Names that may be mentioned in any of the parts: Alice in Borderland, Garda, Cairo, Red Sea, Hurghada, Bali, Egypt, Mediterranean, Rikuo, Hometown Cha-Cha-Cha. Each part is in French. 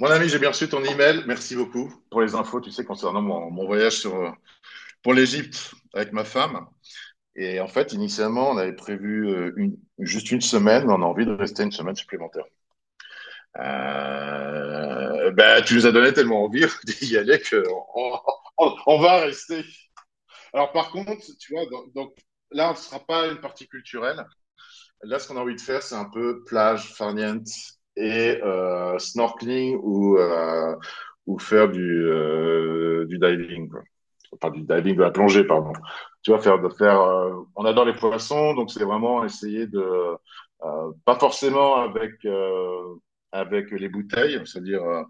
Mon ami, j'ai bien reçu ton email. Merci beaucoup pour les infos, tu sais, concernant mon voyage sur, pour l'Égypte avec ma femme. Et en fait, initialement, on avait prévu juste une semaine, mais on a envie de rester une semaine supplémentaire. Tu nous as donné tellement envie d'y aller que on, on va rester. Alors, par contre, tu vois, là, on ne sera pas une partie culturelle. Là, ce qu'on a envie de faire, c'est un peu plage, farniente et snorkeling ou faire du diving, quoi. Enfin, du diving, de la plongée, pardon. Tu vois, faire, on adore les poissons, donc c'est vraiment essayer de, pas forcément avec, avec les bouteilles, c'est-à-dire,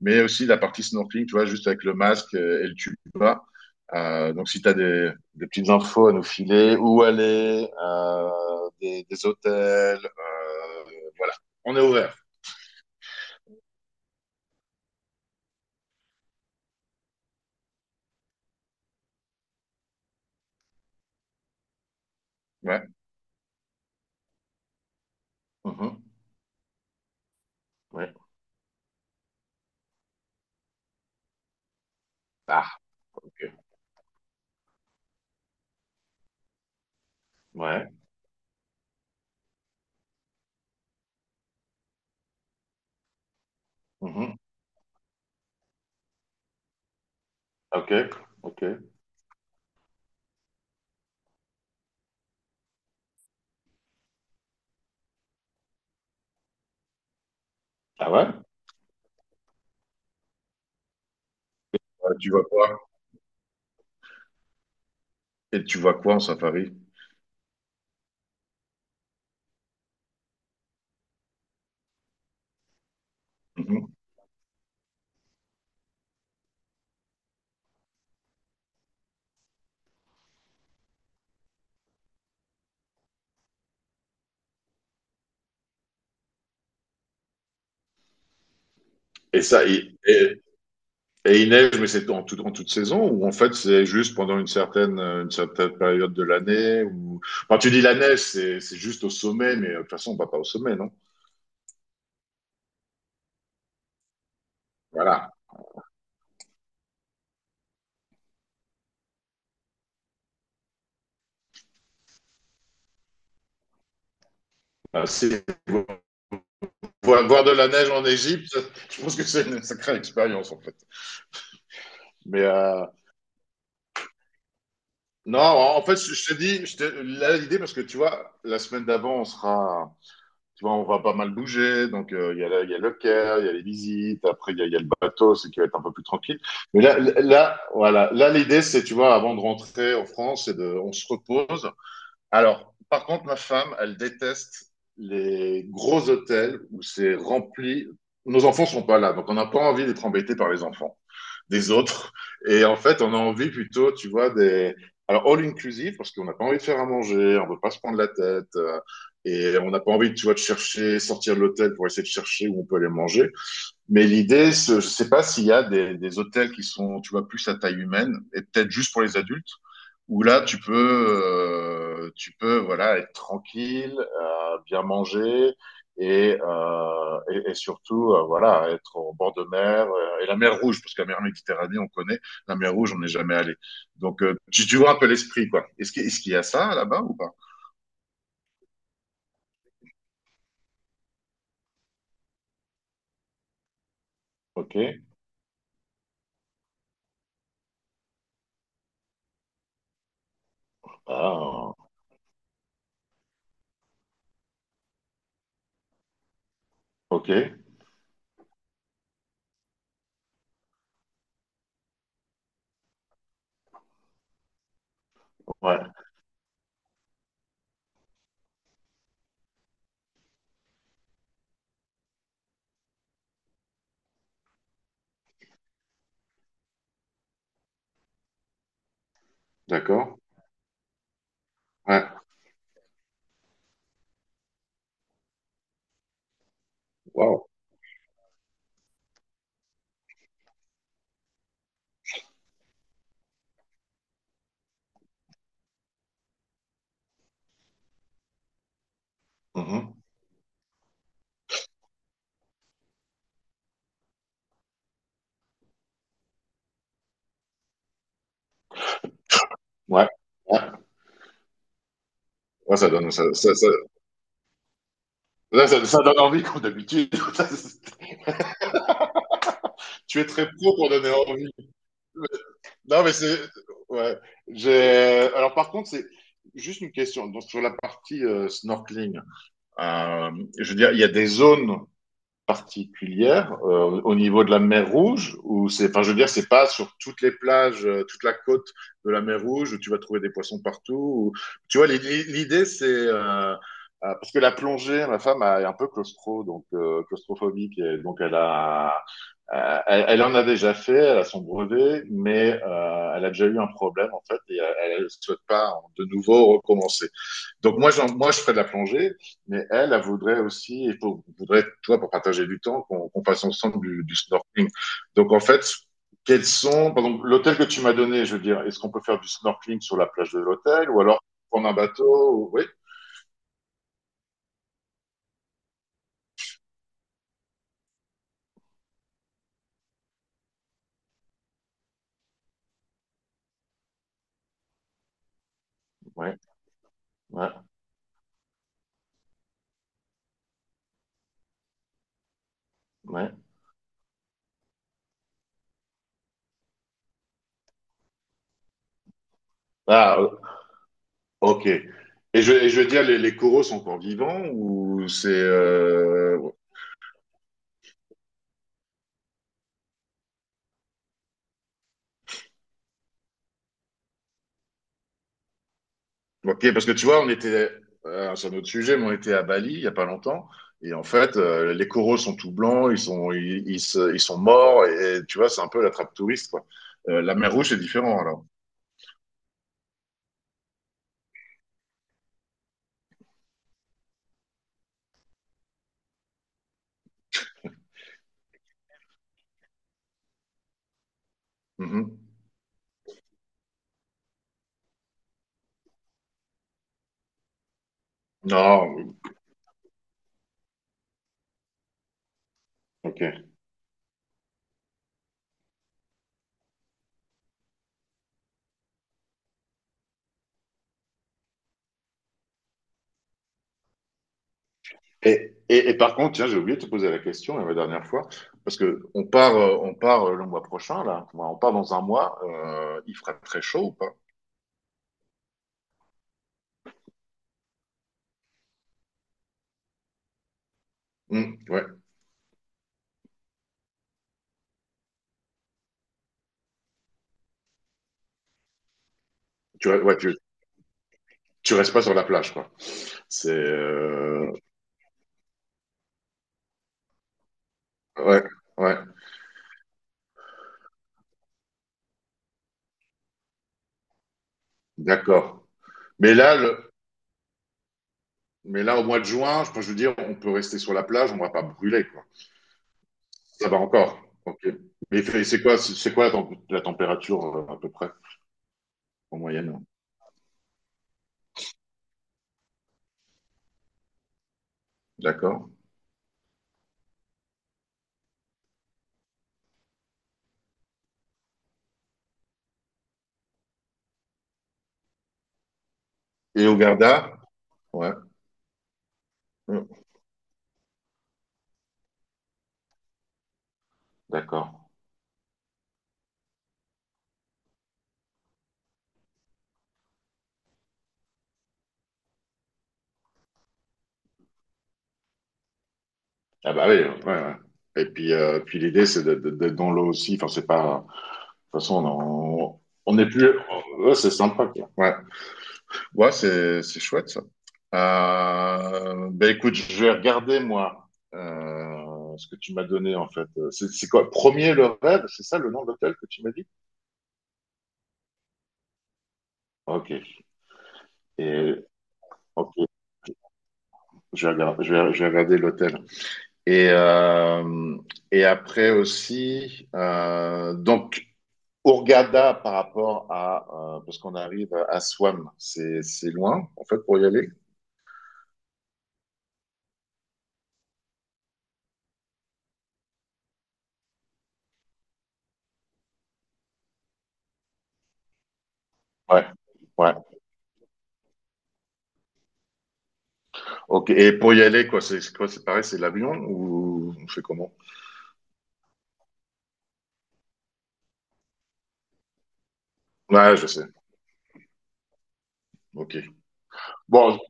mais aussi la partie snorkeling, tu vois, juste avec le masque et le tuba. Donc, si tu as des petites infos à nous filer, où aller, des hôtels. Voilà, on est ouvert. Ouais. Mhm. Ouais. Ah, ok. Ouais. Mhm. Ok. Ok. Ah ouais? Ouais, tu vois quoi? Et tu vois quoi en safari? Mhm. Et ça, et, et- et il neige, mais c'est en, tout, en toute saison ou en fait c'est juste pendant une certaine période de l'année, ou quand tu dis la neige, c'est juste au sommet, mais de toute façon on va pas au sommet, non? Voilà. Ah, c'est- Voir, voir de la neige en Égypte, je pense que c'est une sacrée expérience en fait. Mais euh, Non, en fait, je te dis, je te, là, l'idée, parce que tu vois, la semaine d'avant, on sera, tu vois, on va pas mal bouger. Donc, il y a, il y a le Caire, il y a les visites, après, il y a le bateau, c'est qui va être un peu plus tranquille. Mais voilà, là, l'idée, c'est, tu vois, avant de rentrer en France, c'est de, on se repose. Alors, par contre, ma femme, elle déteste les gros hôtels où c'est rempli. Nos enfants sont pas là, donc on n'a pas envie d'être embêtés par les enfants des autres. Et en fait, on a envie plutôt, tu vois, des. Alors, all inclusive, parce qu'on n'a pas envie de faire à manger, on ne veut pas se prendre la tête. Et on n'a pas envie, tu vois, de chercher, sortir de l'hôtel pour essayer de chercher où on peut aller manger. Mais l'idée, je sais pas s'il y a des hôtels qui sont, tu vois, plus à taille humaine et peut-être juste pour les adultes, où là, tu peux, voilà, être tranquille, bien manger et, et surtout, voilà, être au bord de mer et la mer Rouge, parce que la mer Méditerranée, on connaît, la mer Rouge, on n'est jamais allé. Donc, tu, tu vois un peu l'esprit, quoi. Est-ce qu'il y a ça là-bas ou pas? Ok. Ah, ok. Ouais. D'accord. Ouais. Wow. Mhm. Ouais. Ouais. Ouais, ça donne, ça- là, ça- ça donne envie comme d'habitude. Tu es très pro pour donner envie. Non, mais c'est. Ouais. J'ai... Alors, par contre, c'est juste une question. Donc, sur la partie snorkeling, euh, je veux dire, il y a des zones particulière au niveau de la mer Rouge, ou c'est, enfin je veux dire c'est pas sur toutes les plages, toute la côte de la mer Rouge où tu vas trouver des poissons partout, ou tu vois l'i- l'idée c'est parce que la plongée ma femme est un peu claustro donc claustrophobique, et donc elle en a déjà fait, elle a son brevet, mais elle a déjà eu un problème en fait, et elle souhaite pas de nouveau recommencer. Donc Moi, je ferais de la plongée, mais elle voudrait aussi, et pour, voudrait, toi, pour partager du temps, qu'on qu fasse ensemble du snorkeling. Donc en fait, quels sont, par exemple, l'hôtel que tu m'as donné, je veux dire, est-ce qu'on peut faire du snorkeling sur la plage de l'hôtel, ou alors prendre un bateau? Oui, oui, oui, oui. Ah, ok. Et je veux dire, les coraux sont encore vivants ou c'est Ok, parce que tu vois, on était, c'est un autre sujet, mais on était à Bali il y a pas longtemps, et en fait, les coraux sont tout blancs, ils sont, ils sont morts, et tu vois, c'est un peu la trappe touriste, quoi. La mer Rouge, c'est différent, alors. Mhm. Non, ok. Et par contre, tiens, j'ai oublié de te poser la question la dernière fois, parce que on part le mois prochain, là. Enfin, on part dans un mois, il fera très chaud ou pas? Mhm. Ouais, tu, tu restes pas sur la plage, quoi. C'est, ouais, ouais, d'accord. Mais là, le- mais là, au mois de juin, je veux dire, on peut rester sur la plage, on va pas brûler, quoi. Ça va encore. Ok. Mais c'est quoi la, la température à peu près en moyenne? Hein. D'accord. Et au Garda? Ouais. Mm. D'accord. Ah bah oui, ouais, ouais. Et puis, puis l'idée, c'est d'être dans l'eau aussi. Enfin, c'est pas. De toute façon, on n'est plus. Oh, ouais, c'est sympa, quoi. Ouais. Ouais, c'est chouette ça. Ben écoute, je vais regarder moi ce que tu m'as donné en fait. C'est c'est quoi? Premier le rêve, c'est ça le nom de l'hôtel que tu m'as dit? Ok. Et ok, je vais regarder l'hôtel. Et après aussi, donc Hurghada par rapport à parce qu'on arrive à Swam, c'est loin en fait pour y aller. Ouais, ouais. Ok. Et pour y aller, quoi, c'est quoi? C'est pareil, c'est l'avion ou on fait comment? Ouais, je sais. Ok. Bon,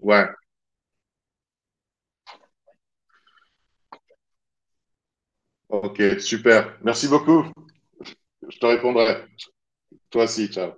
ouais. Ok, super. Merci beaucoup. Je te répondrai. Toi aussi, ciao.